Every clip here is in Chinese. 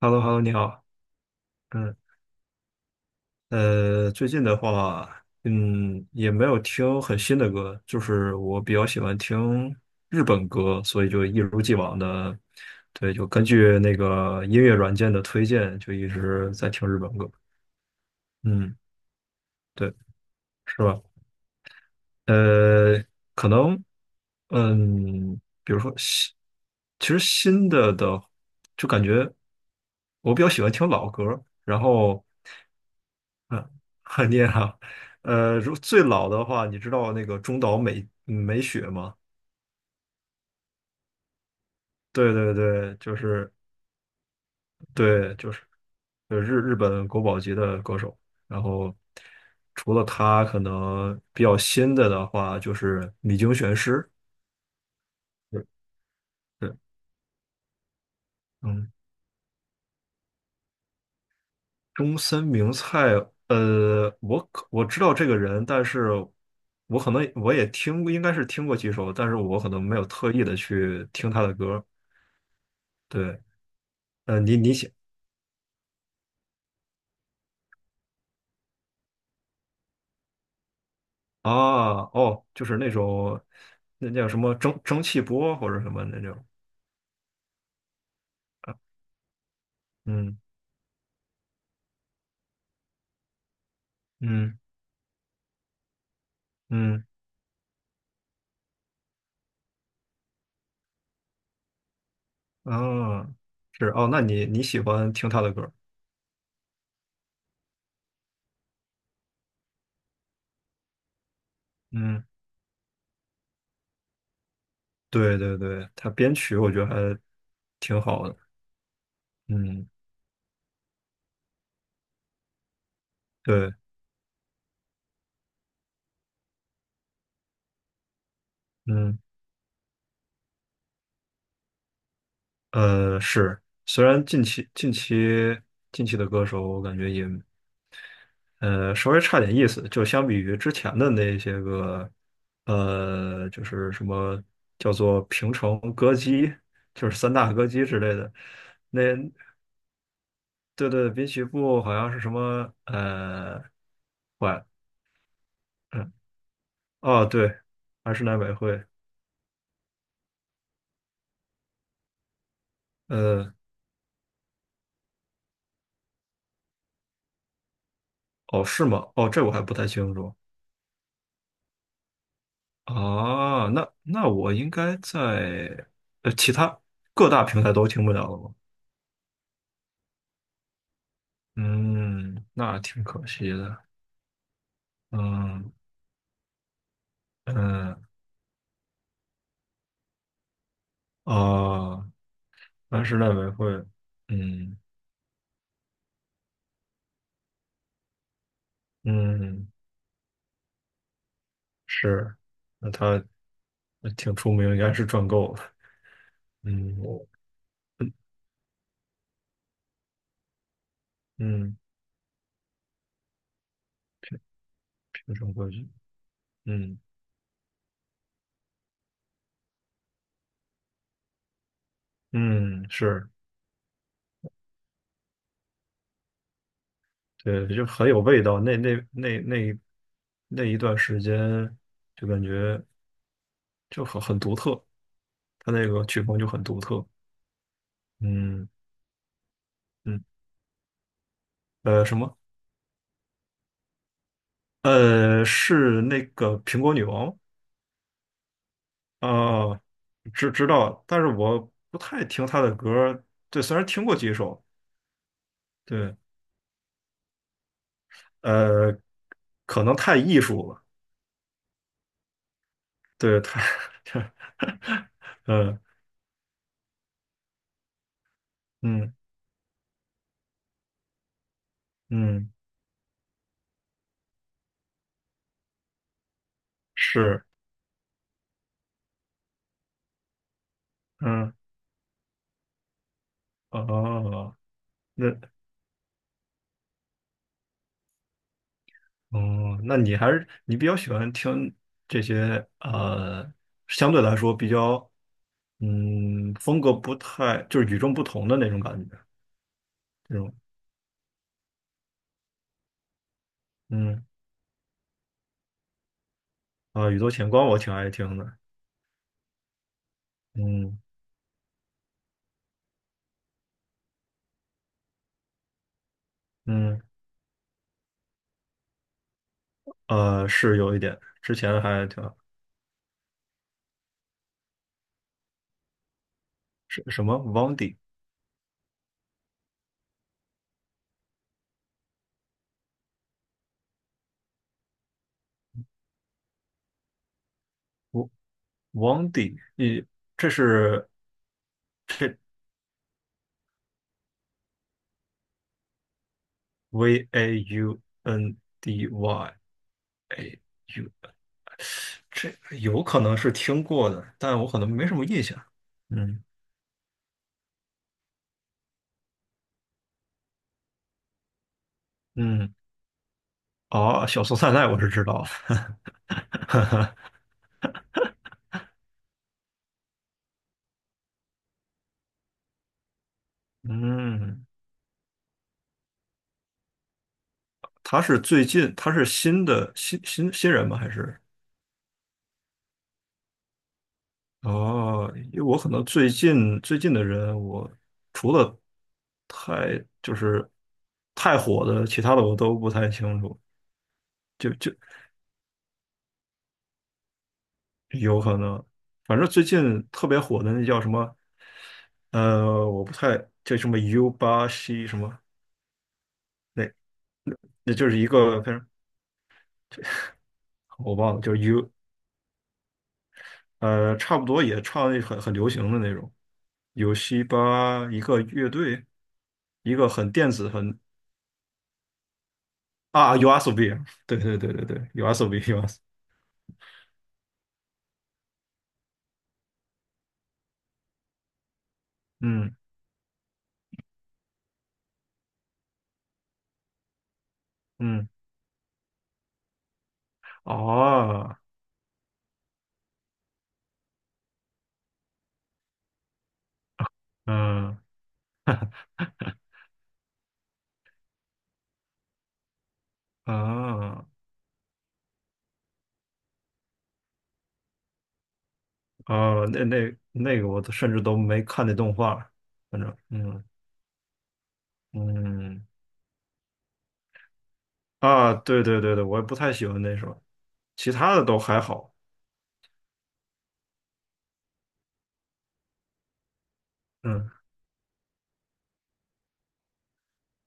h e l l o h e l l o 你好。嗯，最近的话，也没有听很新的歌，就是我比较喜欢听日本歌，所以就一如既往的，对，就根据那个音乐软件的推荐，就一直在听日本歌。嗯，对，是吧？呃，可能，比如说新，其实新的，就感觉我比较喜欢听老歌，然后。嗯，你也好。如最老的话，你知道那个中岛美雪吗？对对对，就是对，就是日本国宝级的歌手。然后除了他，可能比较新的的话，就是米津玄师。对对，嗯，中森明菜，我知道这个人，但是我可能我也听过应该是听过几首，但是我可能没有特意的去听他的歌。对，你写。啊，哦，就是那种那叫什么蒸汽波或者什么那种，嗯嗯嗯，啊，是哦，那你喜欢听他的歌儿嗯，对对对，他编曲我觉得还挺好的，嗯，对，嗯是，虽然近期的歌手我感觉也稍微差点意思，就相比于之前的那些个，就是什么叫做平成歌姬，就是三大歌姬之类的，那对对，滨崎步好像是什么晚嗯哦对，还是奈美惠，呃哦是吗？哦这我还不太清楚啊，那我应该在其他各大平台都听不了了吗？嗯，那挺可惜的。嗯，嗯，哦，安室奈美惠，嗯嗯，是，那他挺出名，应该是赚够了，嗯嗯，嗯平成歌曲，嗯嗯，是，对，就很有味道，那那一段时间，就感觉就很独特，他那个曲风就很独特，嗯嗯，什么？是那个苹果女王啊，哦知道，但是我不太听他的歌儿对，虽然听过几首，对，呃，可能太艺术了，对，太，呃，嗯嗯，是，嗯，哦，那哦，那你还是你比较喜欢听这些相对来说比较嗯风格不太就是与众不同的那种感觉，这种嗯啊，宇宙田光我挺爱听的，嗯嗯。是有一点，之前还挺是什么 w a n d i 你这是这 VAUNDY A U，这有可能是听过的，但我可能没什么印象。嗯嗯，哦，小松菜奈我是知道的。嗯，他是最近他是新的新新新人吗？还是？哦，因为我可能最近的人，我除了太就是太火的，其他的我都不太清楚，就有可能，反正最近特别火的那叫什么，我不太叫什么 U 八 C 什么，那那就是一个反正我忘了，就是 U 差不多也唱那很流行的那种，有西巴一个乐队，一个很电子很啊 y s o b 对对对对对 y s o b u a s 嗯嗯，哦，嗯啊哦，那那个我都甚至都没看那动画，反正嗯嗯啊，对对对对，我也不太喜欢那首，其他的都还好，嗯，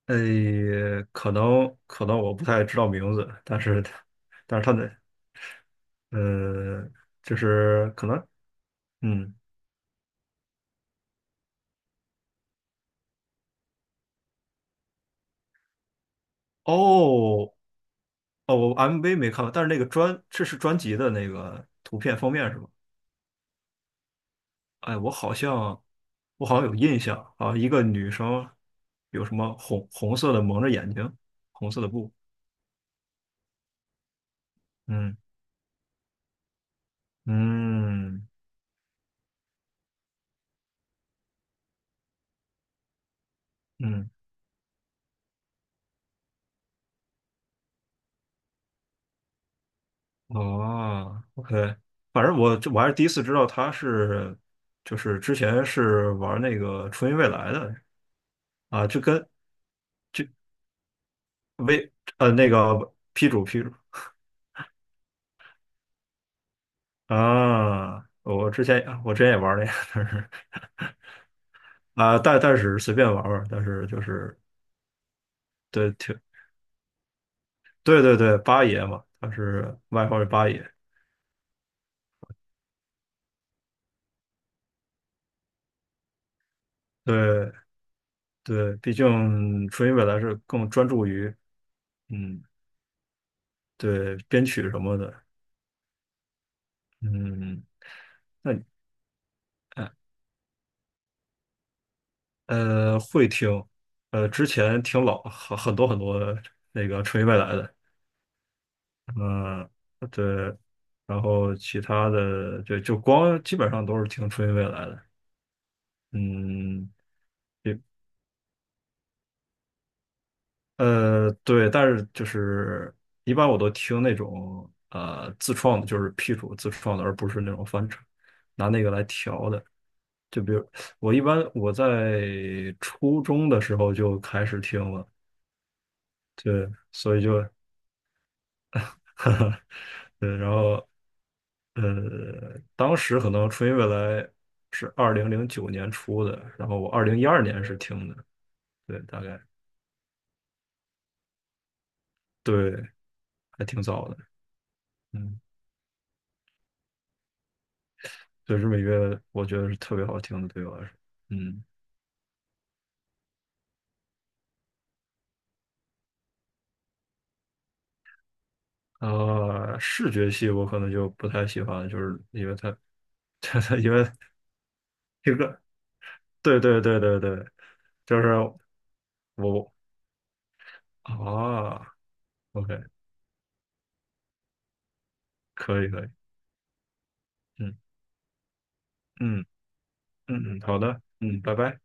诶，可能我不太知道名字，但是他的呃，就是可能嗯哦哦，我 MV 没看过，但是那个专，这是专辑的那个图片封面是吧？哎，我好像有印象啊，一个女生有什么红色的蒙着眼睛，红色的布，嗯嗯嗯，哦，OK，反正我还是第一次知道她是，就是之前是玩那个初音未来的啊，就跟微那个 P 主啊，我之前也玩那个，啊，但是随便玩玩，但是就是对挺对对对，八爷嘛，他是外号是八爷，对对，毕竟纯音未来是更专注于嗯对编曲什么的，嗯，那你呃会听，之前听老很多很多那个纯音未来的，嗯对，然后其他的对就光基本上都是听纯音未来的，嗯。对，但是就是一般我都听那种自创的，就是 P 主自创的，而不是那种翻唱，拿那个来调的。就比如我一般在初中的时候就开始听了，对，所以就，哈哈，对，然后呃，当时可能初音未来是2009年出的，然后我2012年是听的，对，大概对，还挺早的，嗯。对，日美乐我觉得是特别好听的，对我来说，嗯，啊，视觉系我可能就不太喜欢，就是因为它，因为这个，对对对对对，就是我啊，OK，可以可以，嗯嗯嗯嗯，好的，嗯，拜拜。